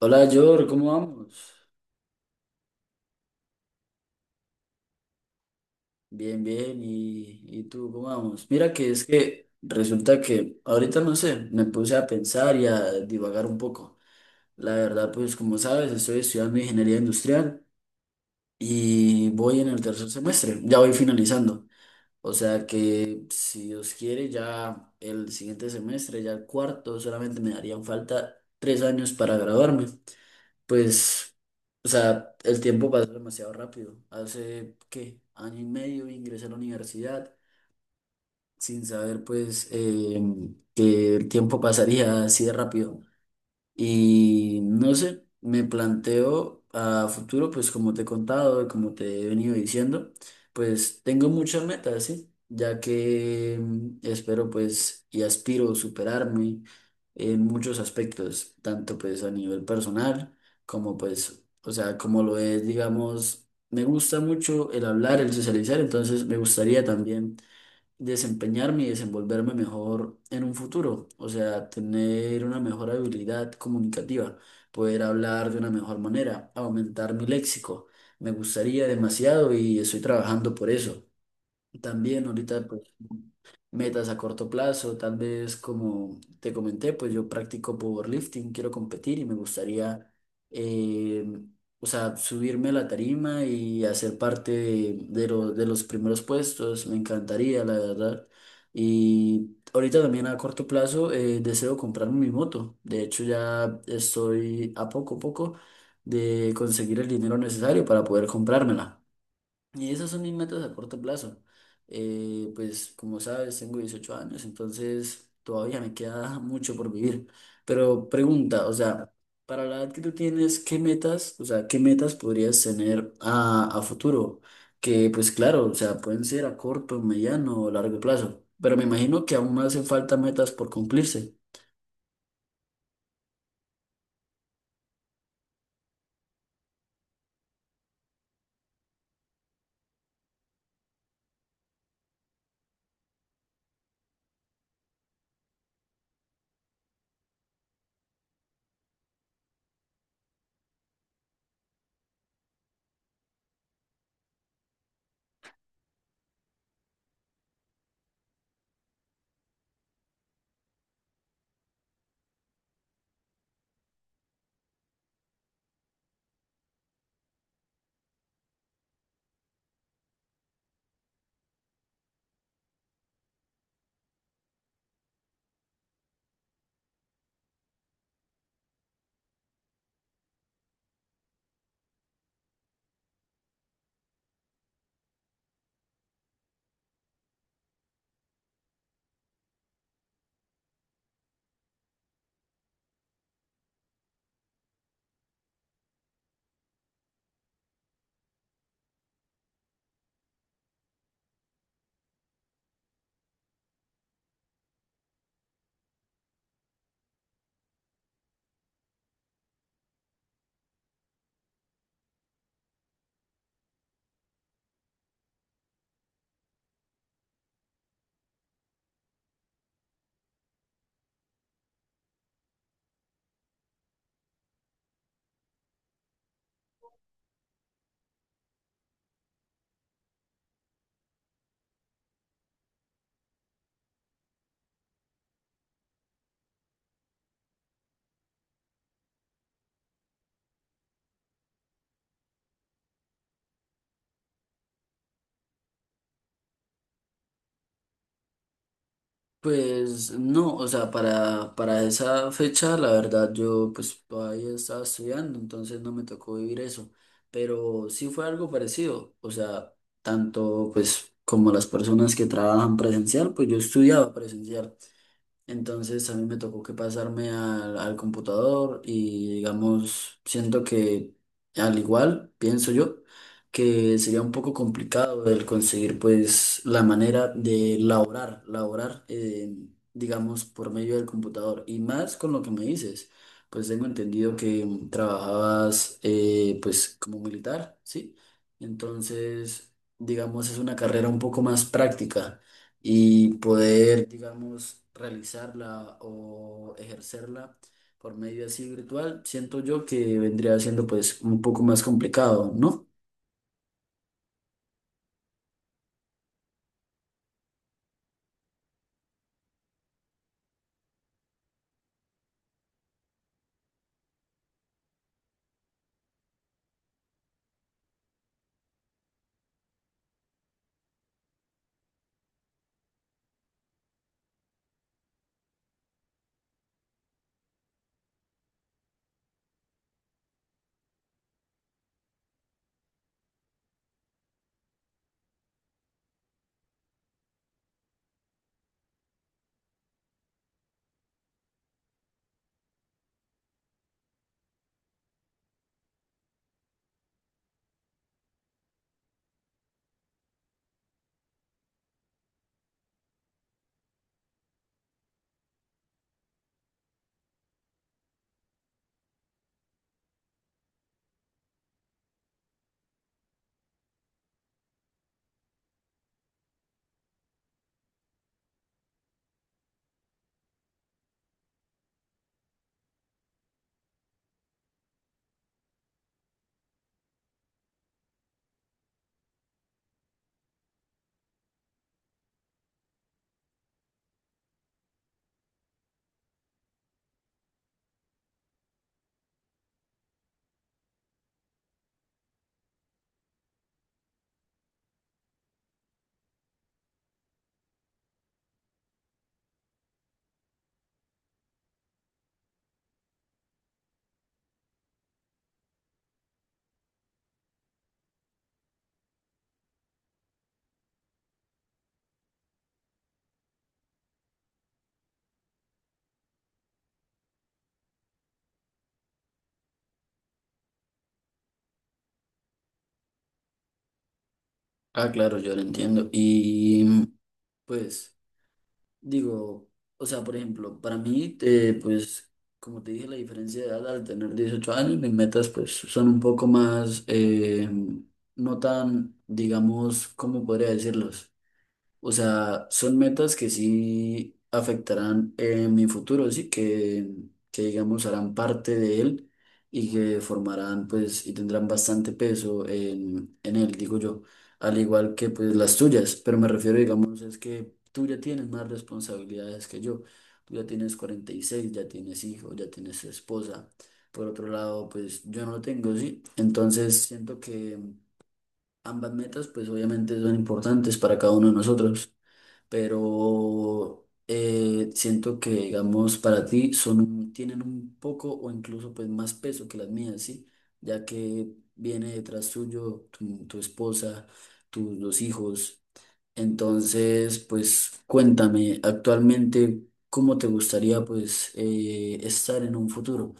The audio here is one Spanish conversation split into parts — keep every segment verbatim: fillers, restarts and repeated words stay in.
Hola, George, ¿cómo vamos? Bien, bien, ¿y, y tú cómo vamos? Mira que es que resulta que ahorita no sé, me puse a pensar y a divagar un poco. La verdad, pues como sabes, estoy estudiando ingeniería industrial y voy en el tercer semestre, ya voy finalizando. O sea que si Dios quiere, ya el siguiente semestre, ya el cuarto, solamente me darían falta tres años para graduarme. Pues, o sea, el tiempo pasa demasiado rápido. Hace, ¿qué? Año y medio ingresé a la universidad sin saber, pues, eh, que el tiempo pasaría así de rápido. Y no sé, me planteo a futuro, pues como te he contado y como te he venido diciendo, pues tengo muchas metas, ¿sí? Ya que mm, espero pues y aspiro superarme en muchos aspectos, tanto pues a nivel personal como pues, o sea, como lo es, digamos, me gusta mucho el hablar, el socializar, entonces me gustaría también desempeñarme y desenvolverme mejor en un futuro, o sea, tener una mejor habilidad comunicativa, poder hablar de una mejor manera, aumentar mi léxico. Me gustaría demasiado y estoy trabajando por eso. También ahorita, pues, metas a corto plazo, tal vez como te comenté, pues yo practico powerlifting, quiero competir y me gustaría, eh, o sea, subirme a la tarima y hacer parte de, de lo- de los primeros puestos, me encantaría, la verdad. Y ahorita también a corto plazo eh, deseo comprarme mi moto, de hecho ya estoy a poco a poco de conseguir el dinero necesario para poder comprármela. Y esas son mis metas a corto plazo. Eh, pues como sabes, tengo dieciocho años, entonces todavía me queda mucho por vivir. Pero pregunta, o sea, para la edad que tú tienes, ¿qué metas, o sea, qué metas podrías tener a, a futuro? Que pues claro, o sea, pueden ser a corto, mediano o largo plazo. Pero me imagino que aún hacen falta metas por cumplirse. Pues no, o sea, para, para esa fecha, la verdad, yo pues todavía estaba estudiando, entonces no me tocó vivir eso, pero sí fue algo parecido, o sea, tanto pues como las personas que trabajan presencial, pues yo estudiaba presencial. Entonces a mí me tocó que pasarme al, al computador y digamos, siento que al igual, pienso yo, que sería un poco complicado el conseguir pues la manera de laborar, laborar, eh, digamos, por medio del computador. Y más con lo que me dices, pues tengo entendido que mm, trabajabas eh, pues como militar, ¿sí? Entonces, digamos, es una carrera un poco más práctica y poder, digamos, realizarla o ejercerla por medio así virtual, siento yo que vendría siendo pues un poco más complicado, ¿no? Ah, claro, yo lo entiendo. Y mm, pues digo, o sea, por ejemplo, para mí, eh, pues como te dije, la diferencia de edad al tener dieciocho años, mis metas pues son un poco más, eh, no tan, digamos, ¿cómo podría decirlos? O sea, son metas que sí afectarán en mi futuro, sí, que, que digamos harán parte de él y que formarán pues y tendrán bastante peso en, en él, digo yo, al igual que pues las tuyas, pero me refiero digamos es que tú ya tienes más responsabilidades que yo, tú ya tienes cuarenta y seis ya tienes hijos, ya tienes esposa, por otro lado pues yo no lo tengo, sí, entonces siento que ambas metas pues obviamente son importantes para cada uno de nosotros pero eh, siento que, digamos, para ti son un- tienen un poco o incluso pues más peso que las mías, ¿sí? Ya que viene detrás tuyo tu, tu esposa, tus dos hijos. Entonces, pues cuéntame actualmente cómo te gustaría pues eh, estar en un futuro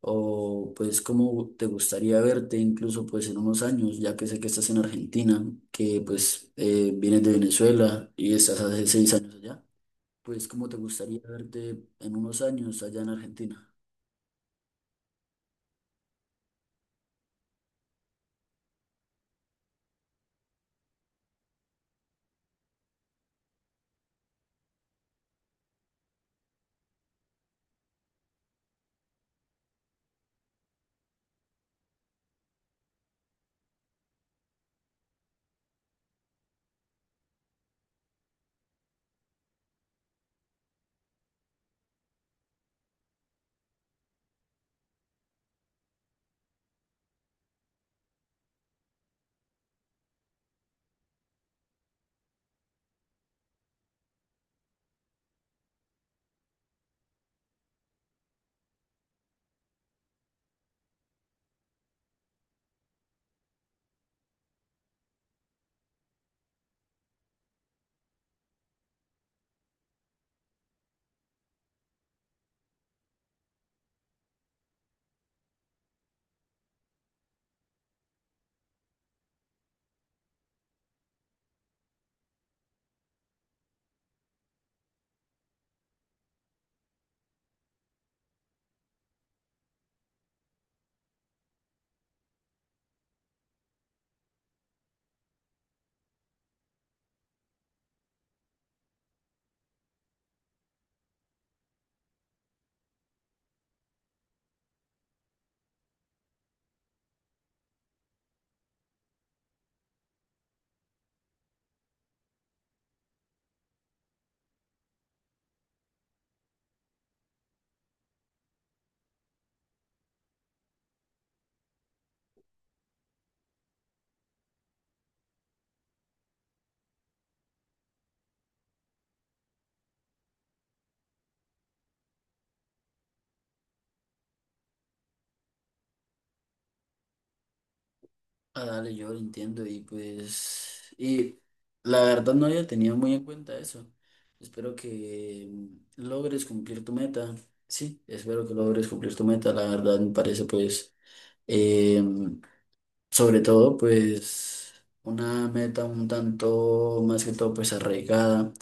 o pues cómo te gustaría verte incluso pues en unos años, ya que sé que estás en Argentina, que pues eh, vienes de Venezuela y estás hace seis años allá, pues cómo te gustaría verte en unos años allá en Argentina. Ah, dale, yo lo entiendo y pues, y la verdad no había tenido muy en cuenta eso. Espero que mm, logres cumplir tu meta. Sí, espero que logres cumplir tu meta. La verdad me parece pues sobre todo, pues, una meta un tanto más que todo, pues, arraigada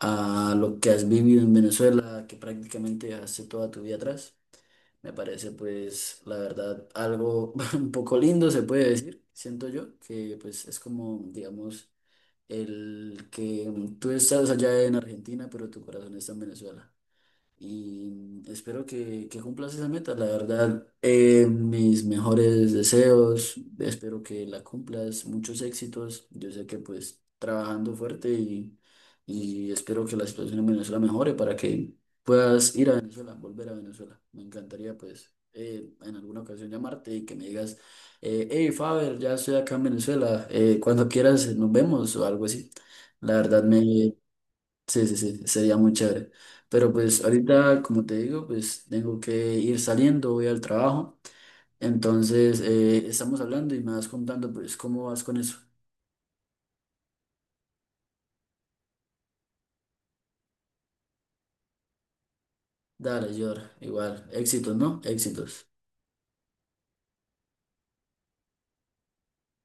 a lo que has vivido en Venezuela, que prácticamente hace toda tu vida atrás. Me parece, pues, la verdad, algo un poco lindo, se puede decir, siento yo, que pues es como, digamos, el que tú estás allá en Argentina, pero tu corazón está en Venezuela. Y espero que, que cumplas esa meta, la verdad. Eh, mis mejores deseos, espero que la cumplas, muchos éxitos. Yo sé que pues trabajando fuerte y, y espero que la situación en Venezuela mejore para que puedas ir a Venezuela, volver a Venezuela. Me encantaría pues eh, en alguna ocasión llamarte y que me digas, eh, hey Faber, ya estoy acá en Venezuela, eh, cuando quieras eh, nos vemos o algo así. La verdad me, Sí, sí, sí, sería muy chévere. Pero pues ahorita, como te digo, pues tengo que ir saliendo, voy al trabajo. Entonces, eh, estamos hablando y me vas contando pues cómo vas con eso. Dale, Yor, igual, éxitos, ¿no? Éxitos.